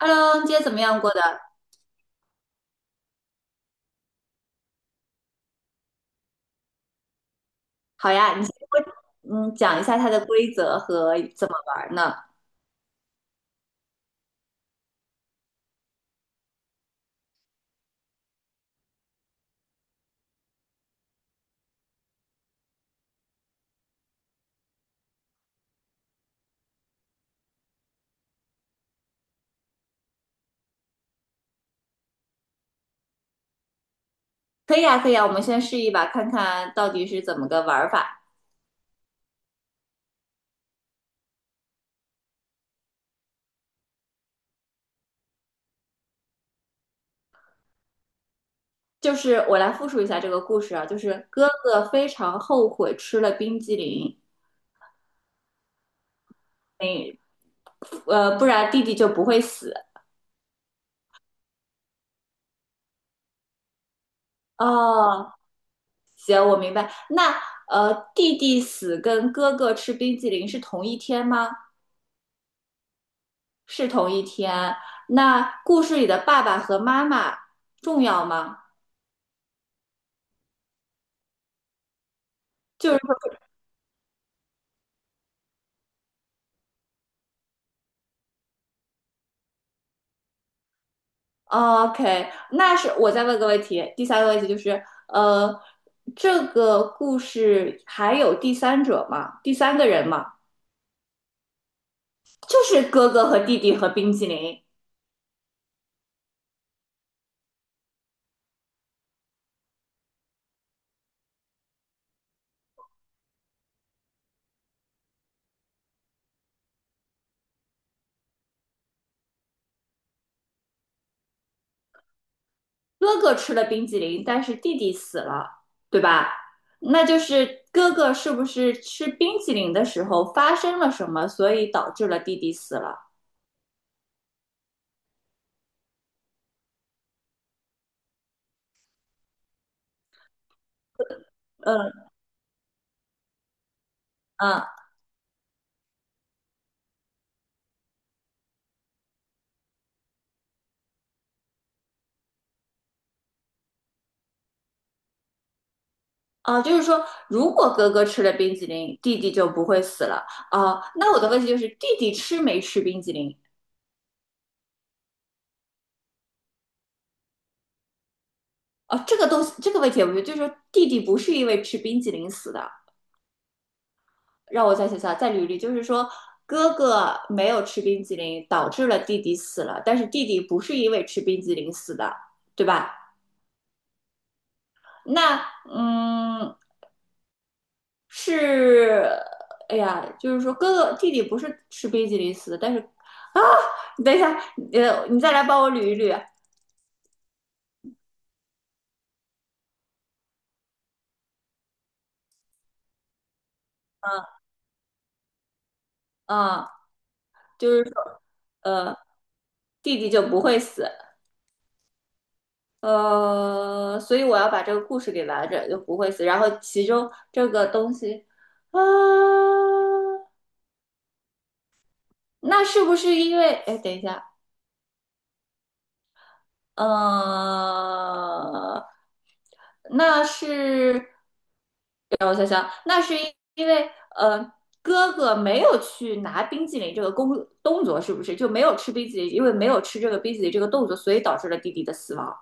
Hello，今天怎么样过的？好呀，你先给我讲一下它的规则和怎么玩儿呢？可以呀，可以呀，我们先试一把，看看到底是怎么个玩儿法。就是我来复述一下这个故事啊，就是哥哥非常后悔吃了冰激凌，嗯，不然弟弟就不会死。哦，我明白。那弟弟死跟哥哥吃冰激凌是同一天吗？是同一天。那故事里的爸爸和妈妈重要吗？就是。OK，那是我再问个问题，第三个问题就是，呃，这个故事还有第三者吗？第三个人吗？就是哥哥和弟弟和冰激凌，哥哥吃了冰激凌，但是弟弟死了，对吧？那就是哥哥是不是吃冰激凌的时候发生了什么，所以导致了弟弟死了？嗯嗯啊，就是说，如果哥哥吃了冰激凌，弟弟就不会死了啊。那我的问题就是，弟弟吃没吃冰激凌？哦，这个东西，这个问题，我觉得就是说弟弟不是因为吃冰激凌死的。让我再想想，再捋捋，就是说哥哥没有吃冰激凌，导致了弟弟死了，但是弟弟不是因为吃冰激凌死的，对吧？那嗯，是，哎呀，就是说哥哥弟弟不是吃冰激凌死的，但是啊，你等一下，你再来帮我捋一捋，啊，就是说呃，弟弟就不会死，所以我要把这个故事给完整，就不会死。然后其中这个东西，啊，那是不是因为？哎，等一下，呃，那是让我想想，那是因因为呃，哥哥没有去拿冰淇淋这个工动作，是不是就没有吃冰淇淋？因为没有吃这个冰淇淋这个动作，所以导致了弟弟的死亡。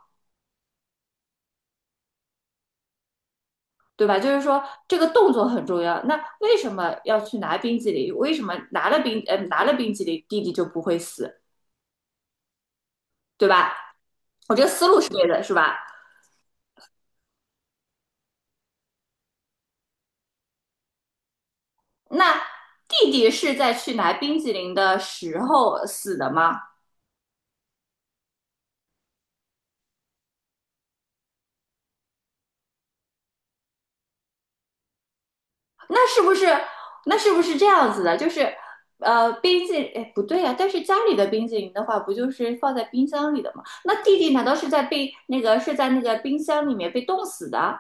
对吧？就是说这个动作很重要。那为什么要去拿冰激凌？为什么拿了冰拿了冰激凌，弟弟就不会死，对吧？我这个思路是对的，是吧？那弟弟是在去拿冰激凌的时候死的吗？那是不是那是不是这样子的？就是冰激凌哎不对啊，但是家里的冰激凌的话，不就是放在冰箱里的吗？那弟弟难道是在被那个是在那个冰箱里面被冻死的？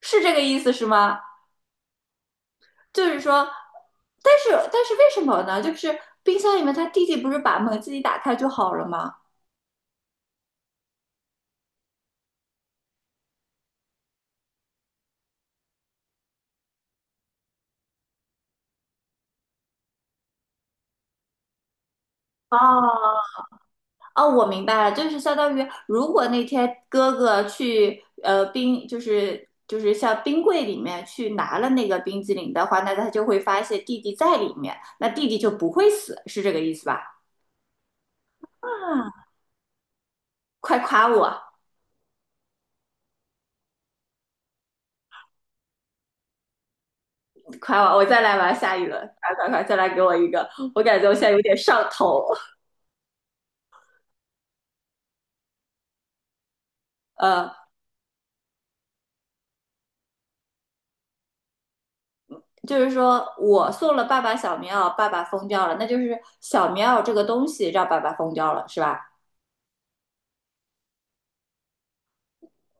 是这个意思是吗？就是说，但是但是为什么呢？就是冰箱里面他弟弟不是把门自己打开就好了吗？哦，哦，我明白了，就是相当于如果那天哥哥去冰，就是就是像冰柜里面去拿了那个冰激凌的话，那他就会发现弟弟在里面，那弟弟就不会死，是这个意思吧？啊，快夸我，夸我，我再来玩下一轮，快快快，再来给我一个，我感觉我现在有点上头，呃。就是说我送了爸爸小棉袄，爸爸疯掉了，那就是小棉袄这个东西让爸爸疯掉了，是吧？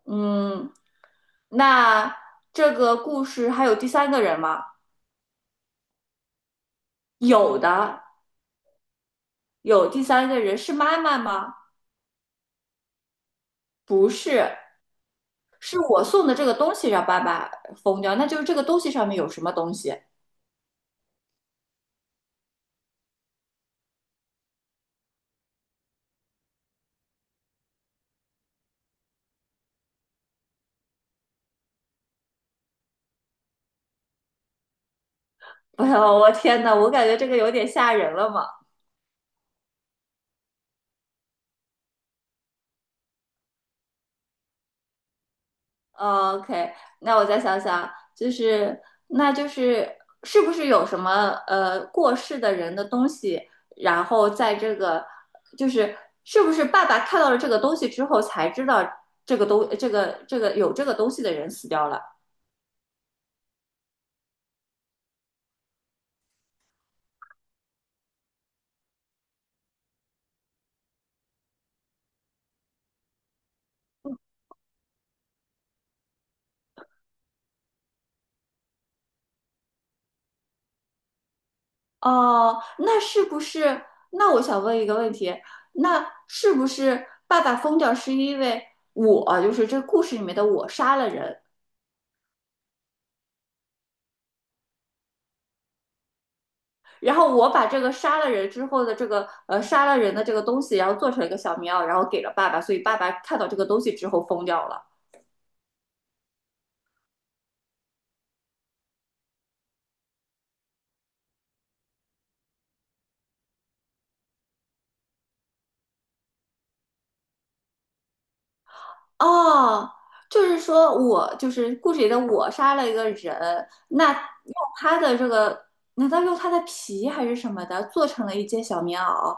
嗯，那这个故事还有第三个人吗？有的，有第三个人是妈妈吗？不是，是我送的这个东西让爸爸疯掉，那就是这个东西上面有什么东西？哎呦，我天呐，我感觉这个有点吓人了嘛。哦 OK，那我再想想，就是那就是是不是有什么过世的人的东西，然后在这个就是是不是爸爸看到了这个东西之后才知道这个东这个这个有这个东西的人死掉了？哦，那是不是？那我想问一个问题，那是不是爸爸疯掉是因为我，就是这故事里面的我杀了人，然后我把这个杀了人之后的这个杀了人的这个东西，然后做成一个小棉袄，然后给了爸爸，所以爸爸看到这个东西之后疯掉了。哦，就是说我就是故事里的我杀了一个人，那用他的这个，难道用他的皮还是什么的做成了一件小棉袄？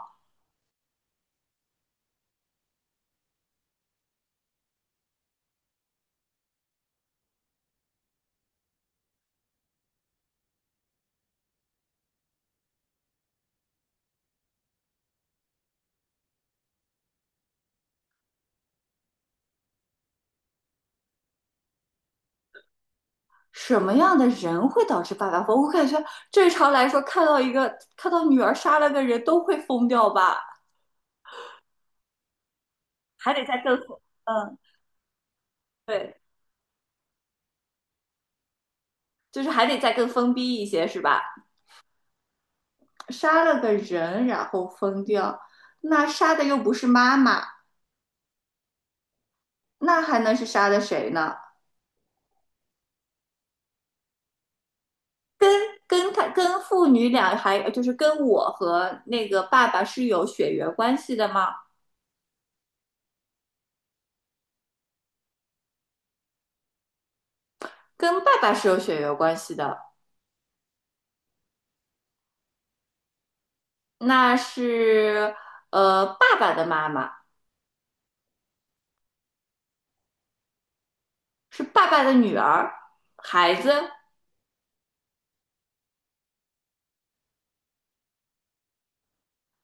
什么样的人会导致爸爸疯？我感觉正常来说，看到一个看到女儿杀了个人都会疯掉吧，还得再更疯，嗯，对，就是还得再更疯逼一些，是吧？杀了个人然后疯掉，那杀的又不是妈妈，那还能是杀的谁呢？跟他跟父女俩还就是跟我和那个爸爸是有血缘关系的吗？跟爸爸是有血缘关系的，那是爸爸的妈妈是爸爸的女儿，孩子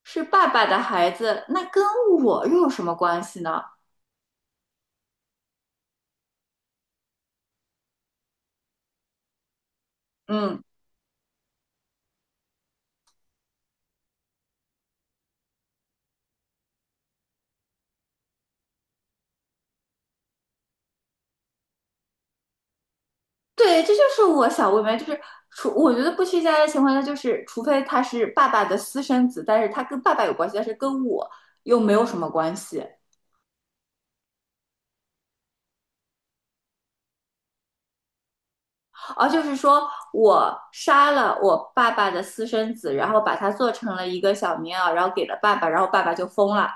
是爸爸的孩子，那跟我又有什么关系呢？嗯，对，这就是我想问问，就是除我觉得不去家的情况下，就是除非他是爸爸的私生子，但是他跟爸爸有关系，但是跟我又没有什么关系。而就是说我杀了我爸爸的私生子，然后把他做成了一个小棉袄，然后给了爸爸，然后爸爸就疯了。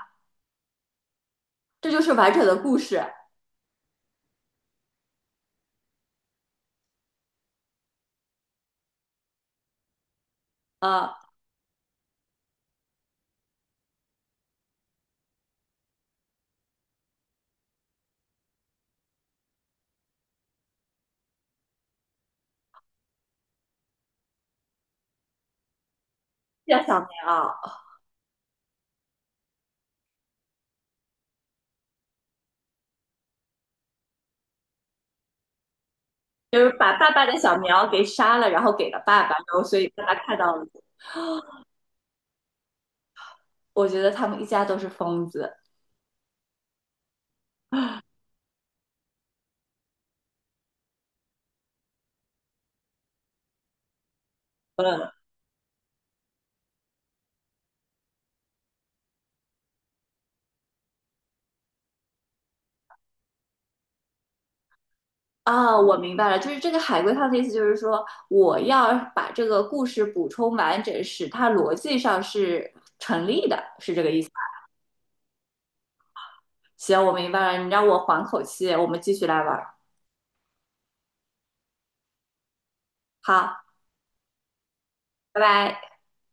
这就是完整的故事。呃，叫小棉袄，就是把爸爸的小棉袄给杀了，然后给了爸爸，然后所以爸爸看到了。我觉得他们一家都是疯子。啊，我明白了，就是这个海龟汤的意思，就是说我要把这个故事补充完整，使它逻辑上是成立的，是这个意思。行，我明白了，你让我缓口气，我们继续来玩儿。好，拜拜。